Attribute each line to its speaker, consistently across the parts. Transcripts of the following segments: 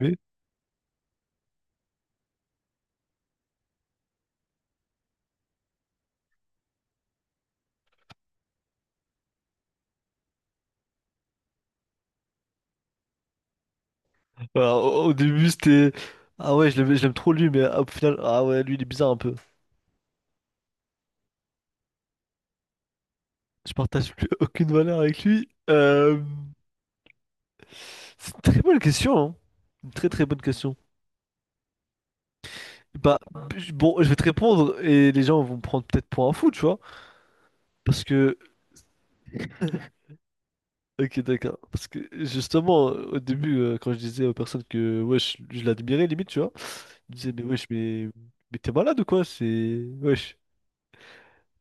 Speaker 1: Oui. Alors, au début, c'était... Ah ouais, je l'aime trop lui, mais ah, au final, ah ouais, lui, il est bizarre un peu. Je partage plus aucune valeur avec lui. C'est une très bonne question, hein. Une très très bonne question. Bah, je- bon, je vais te répondre et les gens vont me prendre peut-être pour un fou, tu vois. Parce que... Ok, d'accord. Parce que justement, au début, quand je disais aux personnes que ouais, je l'admirais, limite, tu vois, ils me disaient, mais wesh, mais t'es malade ou quoi? C'est... Wesh.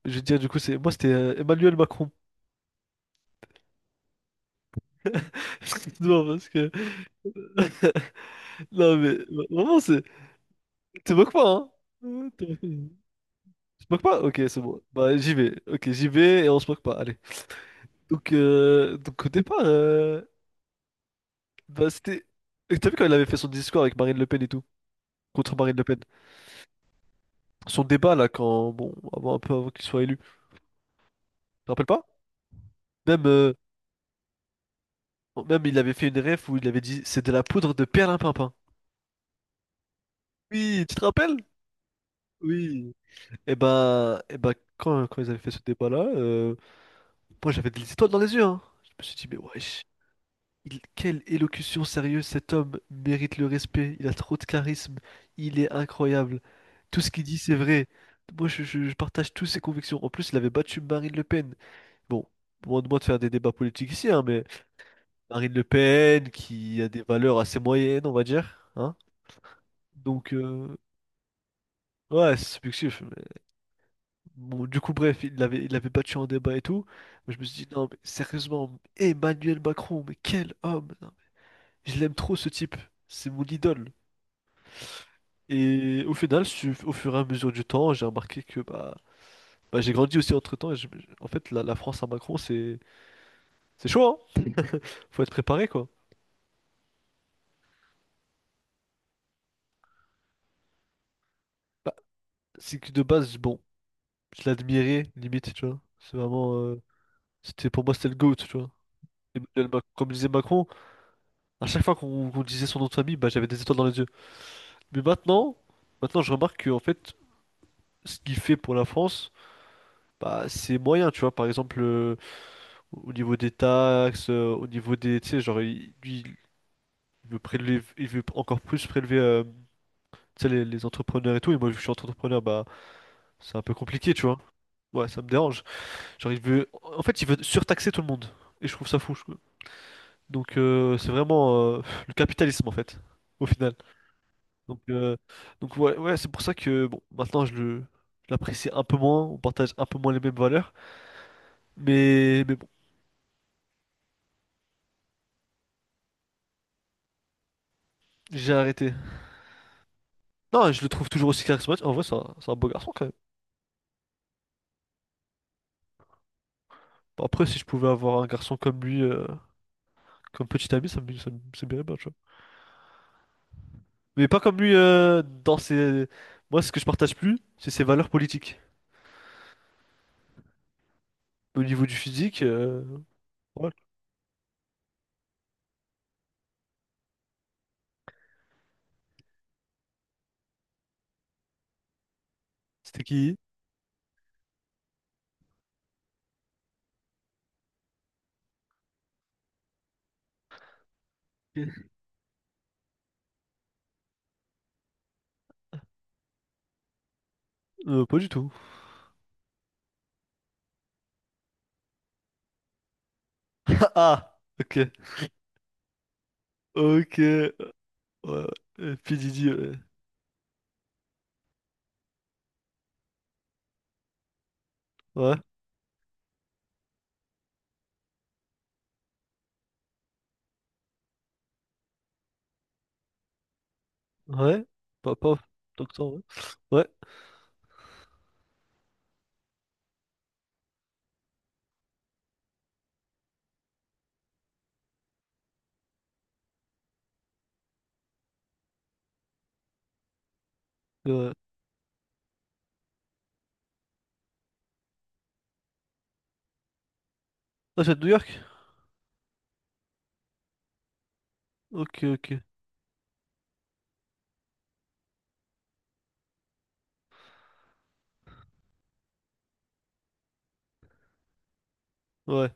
Speaker 1: Je veux dire, du coup, c'est moi, c'était Emmanuel Macron. Non, parce que... Non, mais vraiment, c'est... Te moques pas, hein? Tu te moques pas? Ok, c'est bon. Bah, j'y vais. Ok, j'y vais et on se moque pas. Allez. Donc au départ, bah, c'était... Et t'as vu quand il avait fait son discours avec Marine Le Pen et tout? Contre Marine Le Pen. Son débat, là, quand... Bon, avant, un peu avant qu'il soit élu. Tu te rappelles pas? Même, bon, même, il avait fait une ref où il avait dit c'est de la poudre de perlimpinpin. Oui, tu te rappelles? Oui. Et ben quand, quand ils avaient fait ce débat-là, moi, j'avais des étoiles dans les yeux, hein. Je me suis dit, mais wesh, il- quelle élocution sérieuse, cet homme mérite le respect, il a trop de charisme, il est incroyable. Tout ce qu'il dit, c'est vrai. Moi, je partage toutes ses convictions. En plus, il avait battu Marine Le Pen. Bon, loin de moi de faire des débats politiques ici, hein, mais Marine Le Pen, qui a des valeurs assez moyennes, on va dire, hein. Donc, ouais, c'est subjectif. Mais bon, du coup, bref, il l'avait battu en débat et tout. Moi, je me suis dit, non, mais sérieusement, Emmanuel Macron, mais quel homme! Je l'aime trop ce type. C'est mon idole. Et au final, su- au fur et à mesure du temps, j'ai remarqué que bah, bah, j'ai grandi aussi entre-temps. Et je- en fait, la France à Macron, c'est chaud, hein. Faut être préparé, quoi. Bah, c'est que de base, bon, je l'admirais, limite, tu vois. C'est vraiment... c'était, pour moi, c'était le GOAT, tu vois. Emmanuel Mac- Comme disait Macron, à chaque fois qu'on disait son nom de famille, bah, j'avais des étoiles dans les yeux. Mais maintenant, maintenant, je remarque que, en fait, ce qu'il fait pour la France, bah, c'est moyen, tu vois. Par exemple... au niveau des taxes, au niveau des... Tu sais, genre, il- lui, il veut prélever, il veut encore plus prélever tu sais, les entrepreneurs et tout. Et moi, vu que je suis entrepreneur, bah, c'est un peu compliqué, tu vois. Ouais, ça me dérange. Genre, il veut... En fait, il veut surtaxer tout le monde. Et je trouve ça fou. Je- donc, c'est vraiment le capitalisme, en fait, au final. Donc, euh, donc ouais, ouais, c'est pour ça que, bon, maintenant, je le... je l'apprécie un peu moins, on partage un peu moins les mêmes valeurs, mais bon, j'ai arrêté. Non, je le trouve toujours aussi charismatique. En vrai, c'est un beau garçon, quand même. Bon, après, si je pouvais avoir un garçon comme lui, comme petit ami, ça me- ça m'irait bien, bon, tu vois. Mais pas comme lui dans ses... Moi, ce que je partage plus, c'est ses valeurs politiques. Au niveau du physique, voilà. C'était qui? Pas du tout. Ah! Ok. Ok. Ouais. P. Diddy, ouais. Ouais. Ouais. Pas, pas tant que ça, ouais. Ouais. Ouais. Ah, c'est de New York? Ok, ok. Ouais.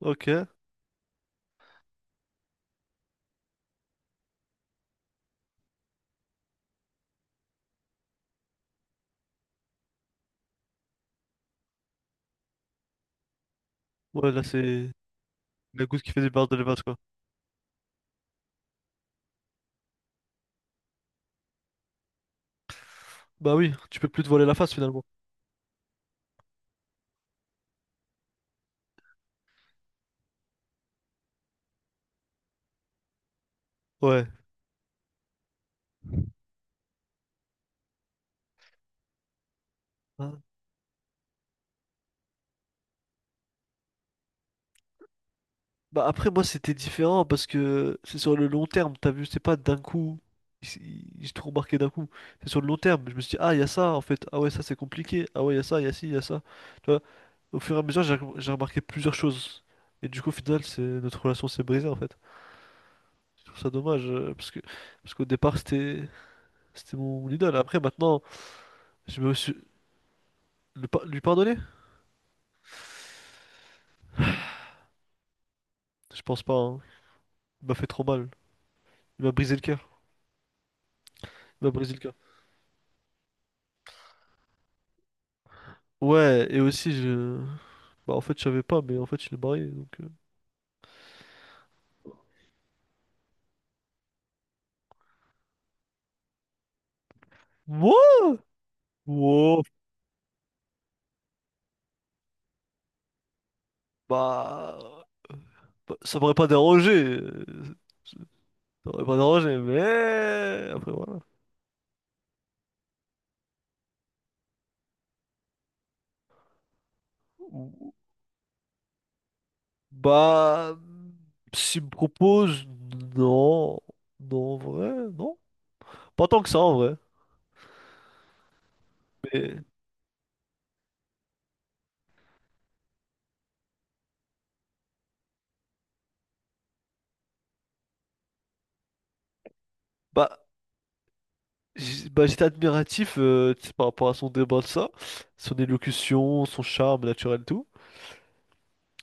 Speaker 1: Ok. Ouais, là, c'est la goutte qui fait des barres de l'évase, quoi. Bah oui, tu peux plus te voiler la face, finalement. Ouais. Ouais. Bah après moi c'était différent parce que c'est sur le long terme, t'as vu, c'est pas d'un coup, ils ils- ils se d'un coup, c'est sur le long terme, je me suis dit ah il y a ça en fait, ah ouais ça c'est compliqué, ah ouais il y a ça, il y a ci, il y a ça, tu vois, au fur et à mesure j'ai remarqué plusieurs choses et du coup au final c'est notre relation s'est brisée en fait, je trouve ça dommage parce que parce qu'au départ c'était c'était mon idole, après maintenant je me suis... Le pa- lui pardonner? Je pense pas, hein. Il m'a fait trop mal, il m'a brisé le cœur, il m'a brisé le cœur. Ouais, et aussi je... Bah, en fait, je savais pas, mais en fait, il est marié, donc... Moi? Wow. Bah... bah, ça m'aurait pas dérangé. euh, Ça m'aurait pas dérangé, mais... Après, voilà. Ou- bah... S'il me propose... Non. Non, en vrai, non. Pas tant que ça, en vrai. Mais... bah... j'- bah, j'étais admiratif tu sais, par rapport à son débat de ça, son élocution, son charme naturel, tout.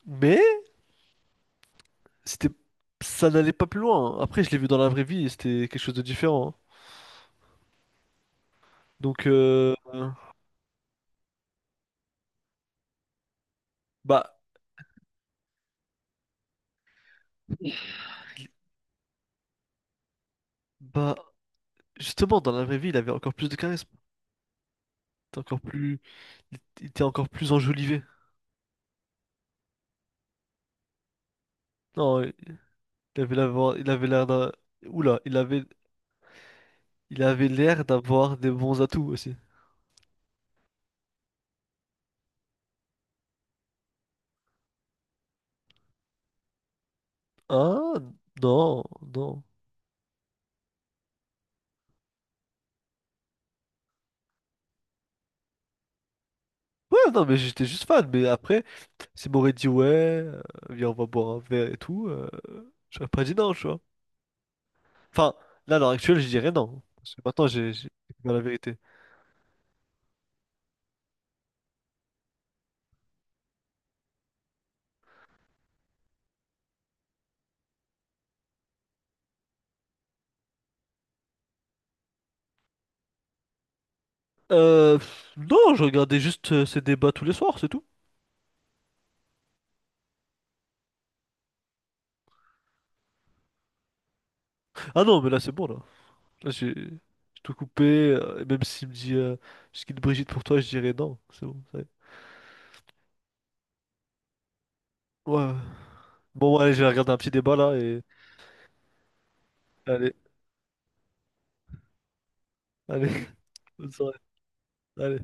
Speaker 1: Mais c'était, ça n'allait pas plus loin. Après, je l'ai vu dans la vraie vie et c'était quelque chose de différent, hein. Donc, bah, bah, justement, dans la vraie vie, il avait encore plus de charisme. Il était encore plus, il était encore plus enjolivé. Non, il avait l'avoir il avait l'air d'un, oula, il avait l'air d'avoir des bons atouts aussi. Ah, non, non. Ouais, non, mais j'étais juste fan. Mais après, s'il m'aurait dit ouais, viens, on va boire un verre et tout, j'aurais pas dit non, tu vois. Enfin, là, à l'heure actuelle, je dirais non. Parce que maintenant, j'ai découvert la vérité. Non, je regardais juste ces débats tous les soirs, c'est tout. Ah non, mais là c'est bon là. Là j'ai tout coupé. Et même s'il me dit ce qu'il Brigitte pour toi, je dirais non. C'est bon, ça y est. Ouais, ouais. Bon, ouais, allez, je vais regarder un petit débat là et allez, allez, bonne soirée. Allez.